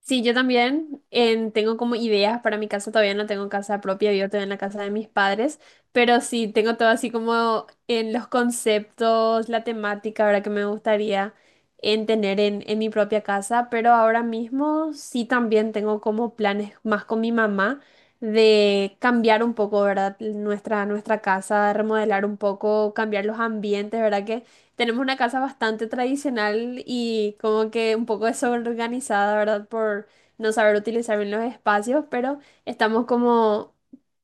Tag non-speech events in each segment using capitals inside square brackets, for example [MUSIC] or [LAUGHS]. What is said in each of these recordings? Sí, yo también tengo como ideas para mi casa, todavía no tengo casa propia, vivo todavía en la casa de mis padres, pero sí tengo todo así como en los conceptos, la temática, ¿verdad? Que me gustaría en tener en mi propia casa, pero ahora mismo sí también tengo como planes más con mi mamá de cambiar un poco, ¿verdad? Nuestra casa, remodelar un poco, cambiar los ambientes, ¿verdad? Tenemos una casa bastante tradicional y como que un poco desorganizada, ¿verdad? Por no saber utilizar bien los espacios, pero estamos como,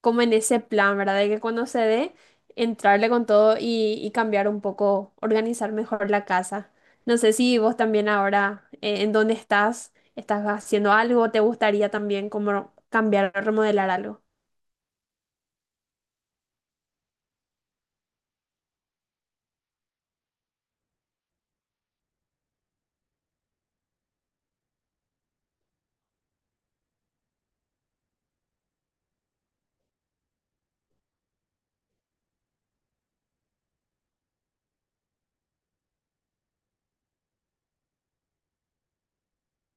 como en ese plan, ¿verdad? De que cuando se dé, entrarle con todo y cambiar un poco, organizar mejor la casa. No sé si vos también ahora, en dónde estás, estás haciendo algo, te gustaría también como cambiar o remodelar algo.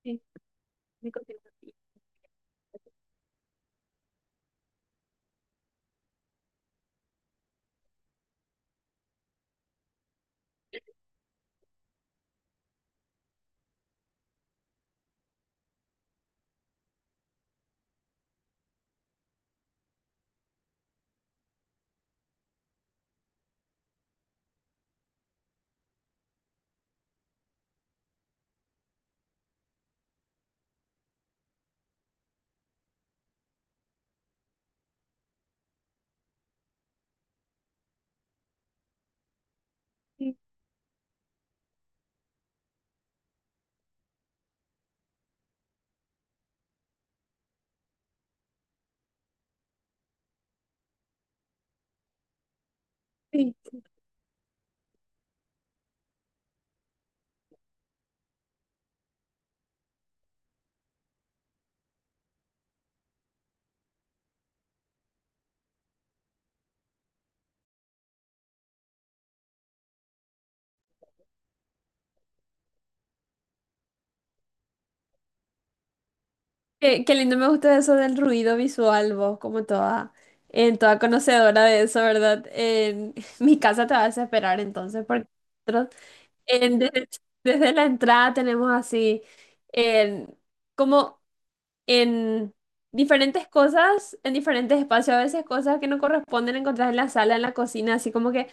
Sí, me contigo. Sí. Sí. Qué, qué lindo, me gusta eso del ruido visual, vos, como toda, en toda conocedora de eso, ¿verdad? En [LAUGHS] mi casa te va a desesperar entonces, porque nosotros en- desde, desde la entrada tenemos así, en, como en diferentes cosas, en diferentes espacios, a veces cosas que no corresponden encontrar en la sala, en la cocina, así como que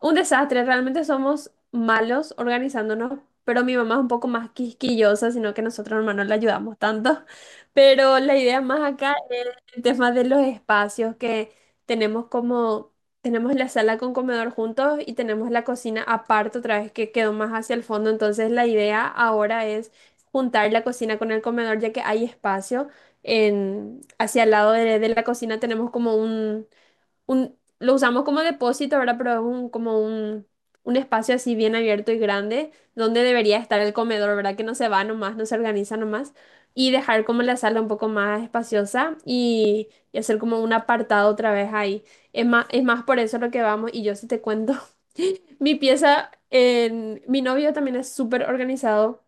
un desastre, realmente somos malos organizándonos, pero mi mamá es un poco más quisquillosa, sino que nosotros hermanos no le ayudamos tanto, [LAUGHS] pero la idea más acá es el tema de los espacios que tenemos como... Tenemos la sala con comedor juntos y tenemos la cocina aparte otra vez que quedó más hacia el fondo. Entonces la idea ahora es juntar la cocina con el comedor, ya que hay espacio. En, hacia el lado de la cocina tenemos como un, lo usamos como depósito, ¿verdad? Pero es un, como un espacio así bien abierto y grande, donde debería estar el comedor, ¿verdad? Que no se va nomás, no se organiza nomás. Y dejar como la sala un poco más espaciosa y hacer como un apartado otra vez ahí. Es más por eso lo que vamos y yo sí te cuento. [LAUGHS] Mi pieza, en, mi novio también es súper organizado.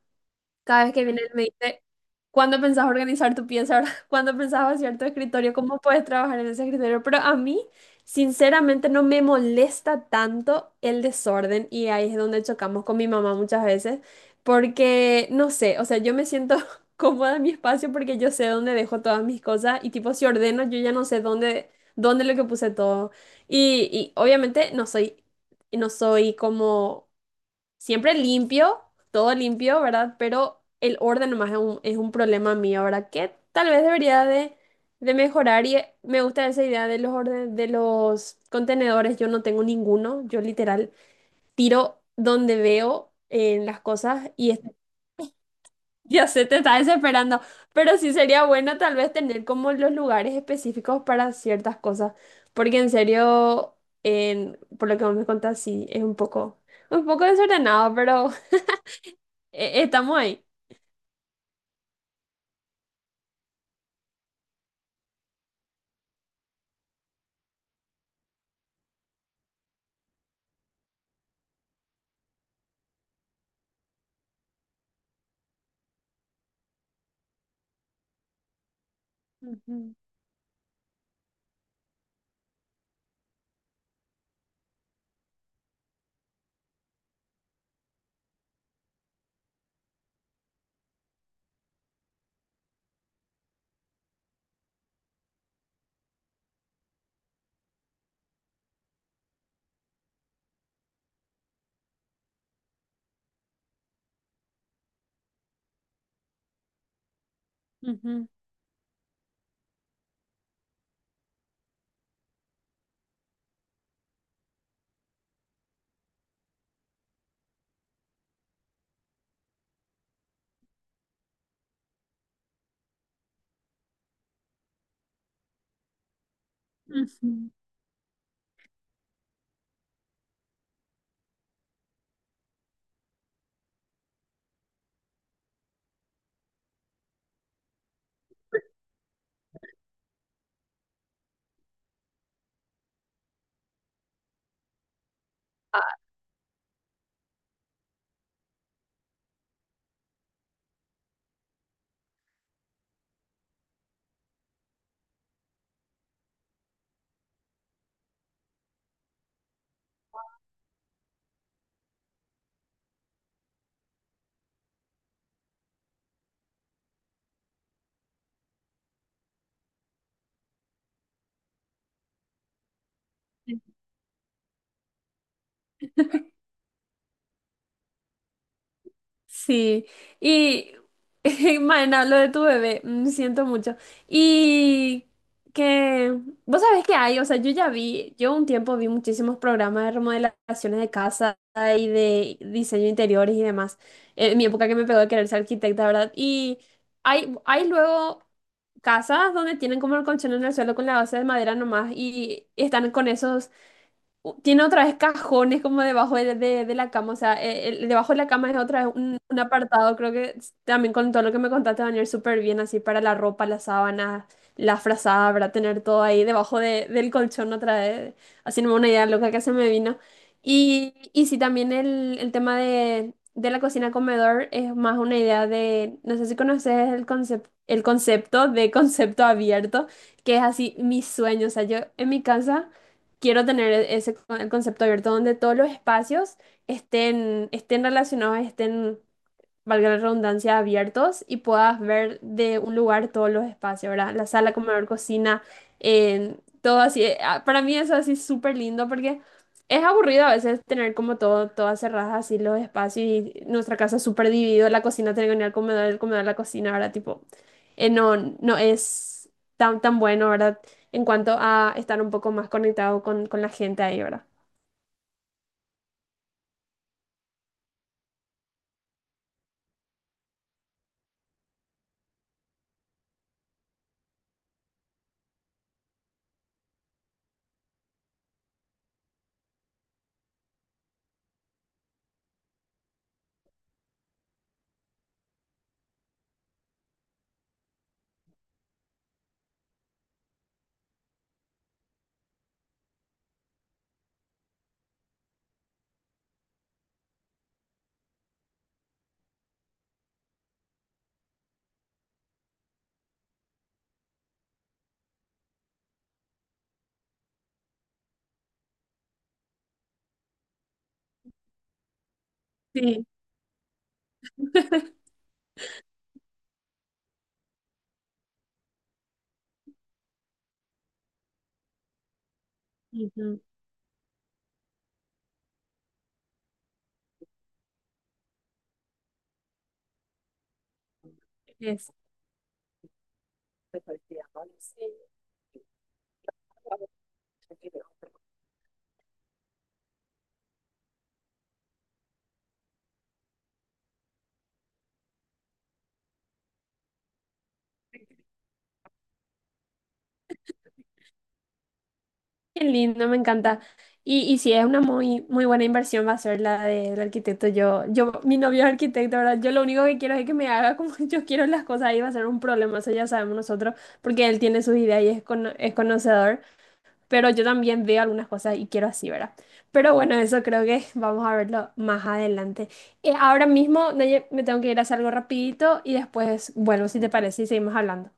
Cada vez que viene él me dice, ¿cuándo pensás organizar tu pieza, ¿verdad? [LAUGHS] ¿Cuándo pensás vaciar tu escritorio? ¿Cómo puedes trabajar en ese escritorio? Pero a mí, sinceramente, no me molesta tanto el desorden y ahí es donde chocamos con mi mamá muchas veces, porque, no sé, o sea, yo me siento [LAUGHS] cómoda en mi espacio porque yo sé dónde dejo todas mis cosas y tipo, si ordeno, yo ya no sé dónde, dónde lo que puse todo. Y obviamente no soy, no soy como... Siempre limpio, todo limpio, ¿verdad? Pero el orden nomás es un problema mío, ¿verdad? Que tal vez debería de mejorar y me gusta esa idea de los orden, de los contenedores. Yo no tengo ninguno, yo literal tiro donde veo las cosas y es- [LAUGHS] ya se te está desesperando. Pero sí sería bueno tal vez tener como los lugares específicos para ciertas cosas, porque en serio, en, por lo que vos me contás, sí, es un poco desordenado, pero... Estamos ahí. Ujú. Ujú. Ujú. Sí. Y, [LAUGHS] Maena, lo de tu bebé, siento mucho. Y que, vos sabés que hay, o sea, yo ya vi, yo un tiempo vi muchísimos programas de remodelaciones de casa y de diseño de interiores y demás. En mi época que me pegó de querer ser arquitecta, ¿verdad? Y hay luego casas donde tienen como el colchón en el suelo con la base de madera nomás y están con esos u- Tiene otra vez cajones como debajo de la cama, o sea, el- debajo de la cama es otra vez un apartado, creo que s- también con todo lo que me contaste van a ir súper bien, así para la ropa, las sábanas, la frazada, para tener todo ahí debajo de- del colchón otra vez, haciéndome una idea loca que se me vino. Y sí, también el tema de la cocina-comedor es más una idea de, no sé si conoces el concepto de [LAUGHS] concepto abierto, que es así mi sueño, o sea, yo en mi casa quiero tener ese el concepto abierto donde todos los espacios estén relacionados, estén valga la redundancia, abiertos y puedas ver de un lugar todos los espacios, ¿verdad? La sala, comedor, cocina, en todo así. Para mí eso así súper lindo porque es aburrido a veces tener como todo, todas cerradas así los espacios y nuestra casa súper dividida, la cocina tiene que venir al comedor, el comedor a la cocina, ¿verdad? Tipo, no, no es tan, tan bueno, ¿verdad? En cuanto a estar un poco más conectado con la gente ahí, ¿verdad? Sí. [LAUGHS] Ujú. Es. Qué lindo, me encanta. Y sí, es una muy, muy buena inversión, va a ser la del arquitecto. Yo, mi novio es arquitecto, ¿verdad? Yo lo único que quiero es que me haga como [LAUGHS] yo quiero las cosas y va a ser un problema, eso ya sabemos nosotros, porque él tiene sus ideas y es, cono- es conocedor, pero yo también veo algunas cosas y quiero así, ¿verdad? Pero bueno, eso creo que [LAUGHS] vamos a verlo más adelante. Ahora mismo, Naye, me tengo que ir a hacer algo rapidito y después, bueno, si te parece, y seguimos hablando.